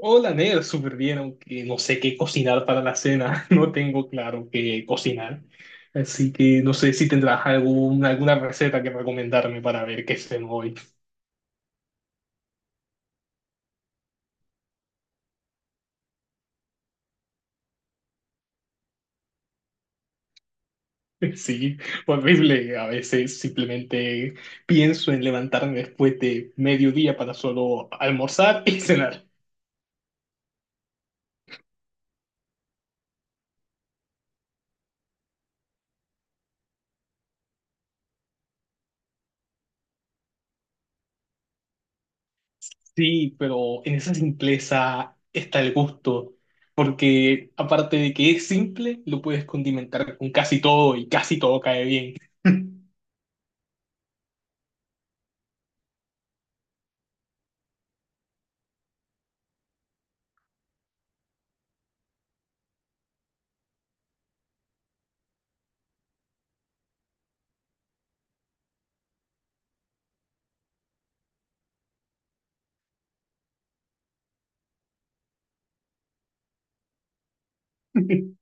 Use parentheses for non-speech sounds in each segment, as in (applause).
Hola, Nel, súper bien, aunque no sé qué cocinar para la cena, (laughs) no tengo claro qué cocinar. Así que no sé si tendrás alguna receta que recomendarme para ver qué ceno hoy. (laughs) Sí, horrible. A veces simplemente pienso en levantarme después de mediodía para solo almorzar y (laughs) cenar. Sí, pero en esa simpleza está el gusto, porque aparte de que es simple, lo puedes condimentar con casi todo y casi todo cae bien. (laughs)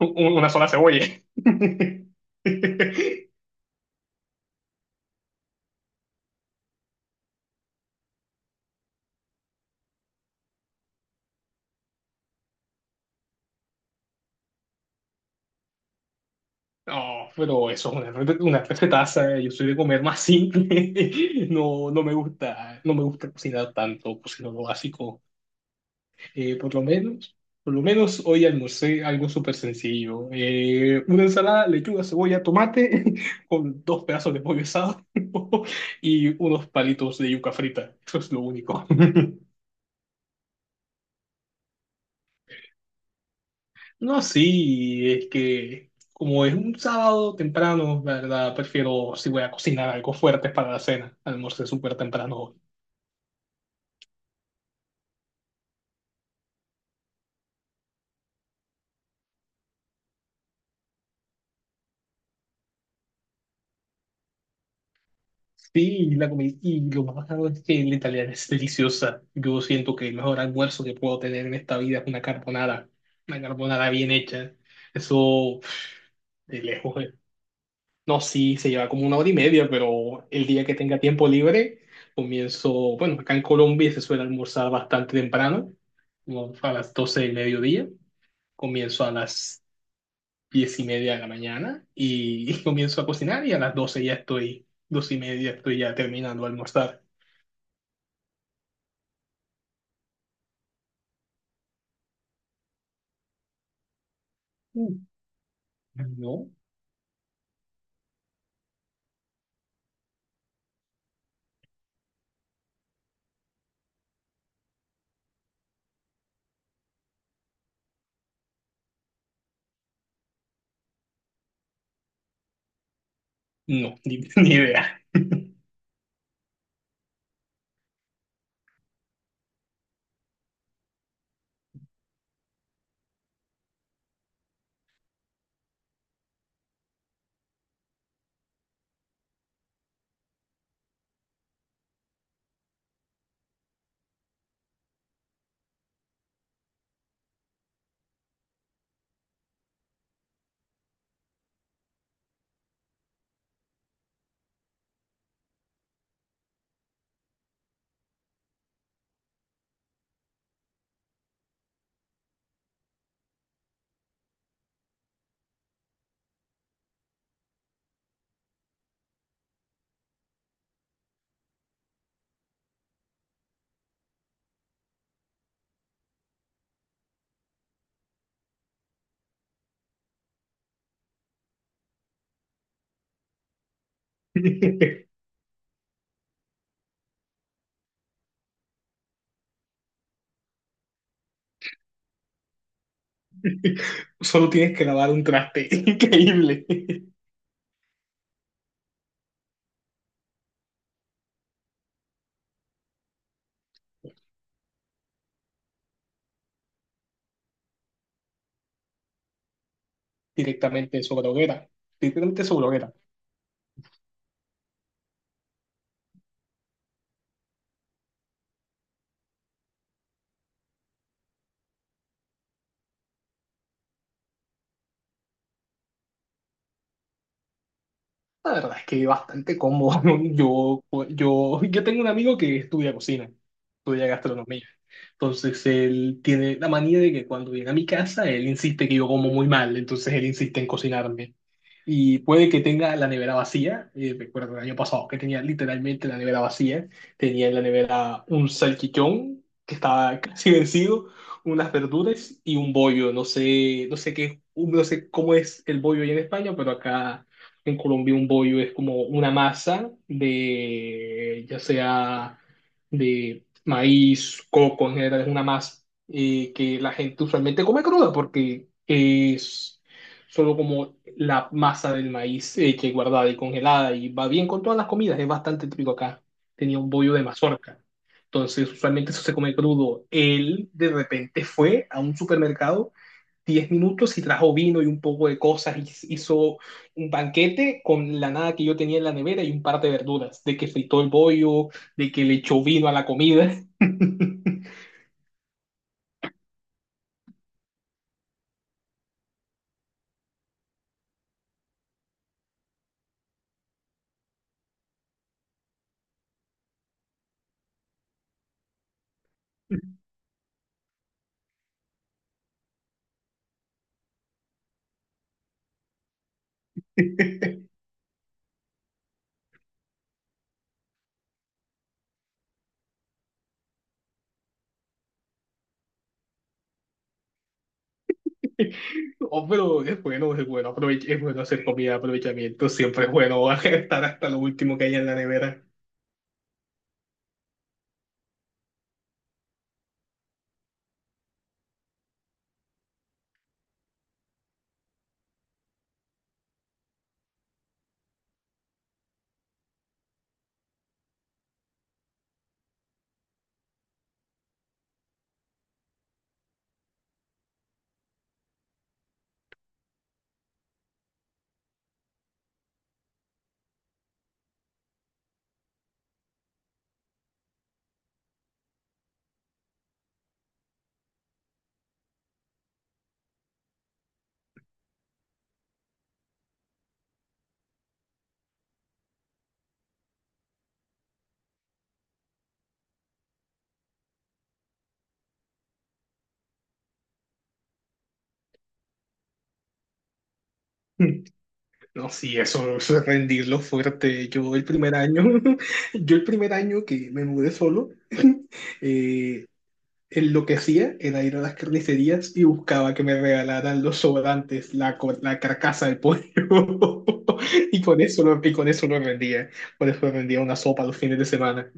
Una sola cebolla. (laughs) No, pero eso es una recetaza. Yo soy de comer más simple. (laughs) No, no me gusta cocinar tanto, cocino lo básico. Eh, por lo menos, por lo menos hoy almorcé algo súper sencillo. Una ensalada, lechuga, cebolla, tomate, (laughs) con dos pedazos de pollo asado (laughs) y unos palitos de yuca frita. Eso es lo único. (laughs) No, sí, es que como es un sábado temprano, la verdad, prefiero si voy a cocinar algo fuerte para la cena. Almorcé súper temprano hoy. Sí, y lo más bacano es que la italiana es deliciosa. Yo siento que el mejor almuerzo que puedo tener en esta vida es una carbonara. Una carbonara bien hecha. Eso, de lejos. No, sí, se lleva como una hora y media, pero el día que tenga tiempo libre, bueno, acá en Colombia se suele almorzar bastante temprano, como a las 12 del mediodía. Comienzo a las 10:30 de la mañana y comienzo a cocinar y a las 12 12:30 estoy ya terminando de almorzar. Mm. No, no, ni idea. (laughs) Solo tienes que lavar un traste (laughs) increíble. Directamente sobre hoguera, directamente sobre hoguera. La verdad es que bastante cómodo, ¿no? Yo tengo un amigo que estudia cocina, estudia gastronomía. Entonces él tiene la manía de que cuando viene a mi casa, él insiste que yo como muy mal, entonces él insiste en cocinarme y puede que tenga la nevera vacía. Recuerdo el año pasado que tenía literalmente la nevera vacía. Tenía en la nevera un salchichón que estaba (laughs) casi vencido, unas verduras y un bollo. No sé cómo es el bollo allá en España, pero acá en Colombia un bollo es como una masa de, ya sea de maíz, coco en general, es una masa que la gente usualmente come cruda porque es solo como la masa del maíz hecha que guardada y congelada y va bien con todas las comidas, es bastante típico acá. Tenía un bollo de mazorca. Entonces, usualmente eso se come crudo. Él de repente fue a un supermercado 10 minutos y trajo vino y un poco de cosas y hizo un banquete con la nada que yo tenía en la nevera y un par de verduras, de que fritó el bollo, de que le echó vino a la comida. (laughs) Oh, pero es bueno, es bueno, es bueno hacer comida, aprovechamiento, siempre es bueno (laughs) estar hasta lo último que hay en la nevera. (laughs) No, sí, eso es rendirlo fuerte. Yo el primer año, (laughs) yo el primer año que me mudé solo, (laughs) eh, en lo que hacía era ir a las carnicerías y buscaba que me regalaran los sobrantes, la carcasa del pollo. (laughs) Y con eso lo rendía. Con eso rendía una sopa los fines de semana.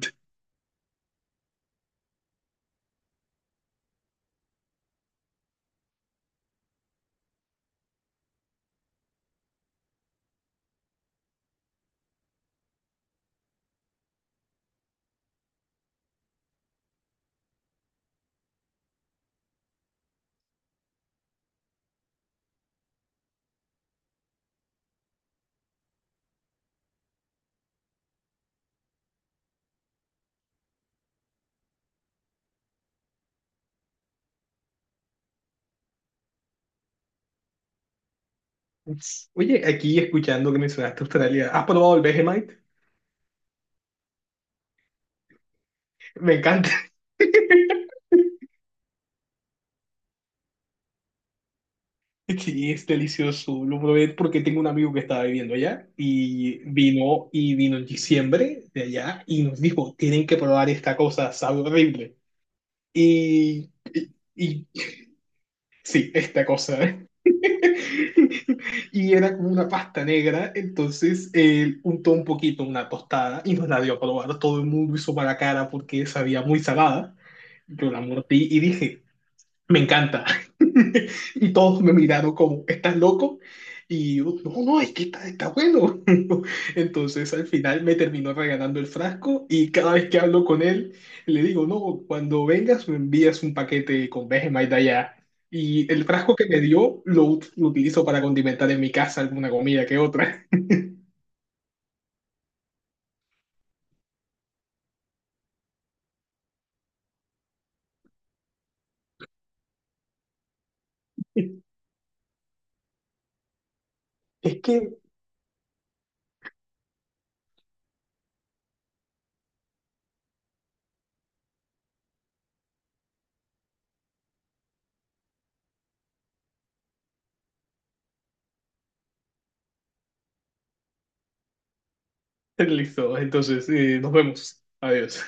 Ups. Oye, aquí escuchando que mencionaste Australia, ¿has probado el Vegemite? Me encanta. (laughs) Sí, es delicioso. Lo probé porque tengo un amigo que estaba viviendo allá y vino en diciembre de allá y nos dijo, tienen que probar esta cosa, sabe horrible. Y, y, y- sí, esta cosa. (laughs) Y era como una pasta negra, entonces él untó un poquito una tostada y nos la dio a probar. Todo el mundo hizo mala cara porque sabía muy salada. Yo la mordí y dije, me encanta. (laughs) Y todos me miraron como, ¿estás loco? Y yo, no, no, es que está bueno. (laughs) Entonces al final me terminó regalando el frasco y cada vez que hablo con él, le digo, no, cuando vengas me envías un paquete con Vegemite de allá. Y el frasco que me dio lo utilizo para condimentar en mi casa alguna comida que otra. (laughs) Es que, Listo, entonces nos vemos. Adiós.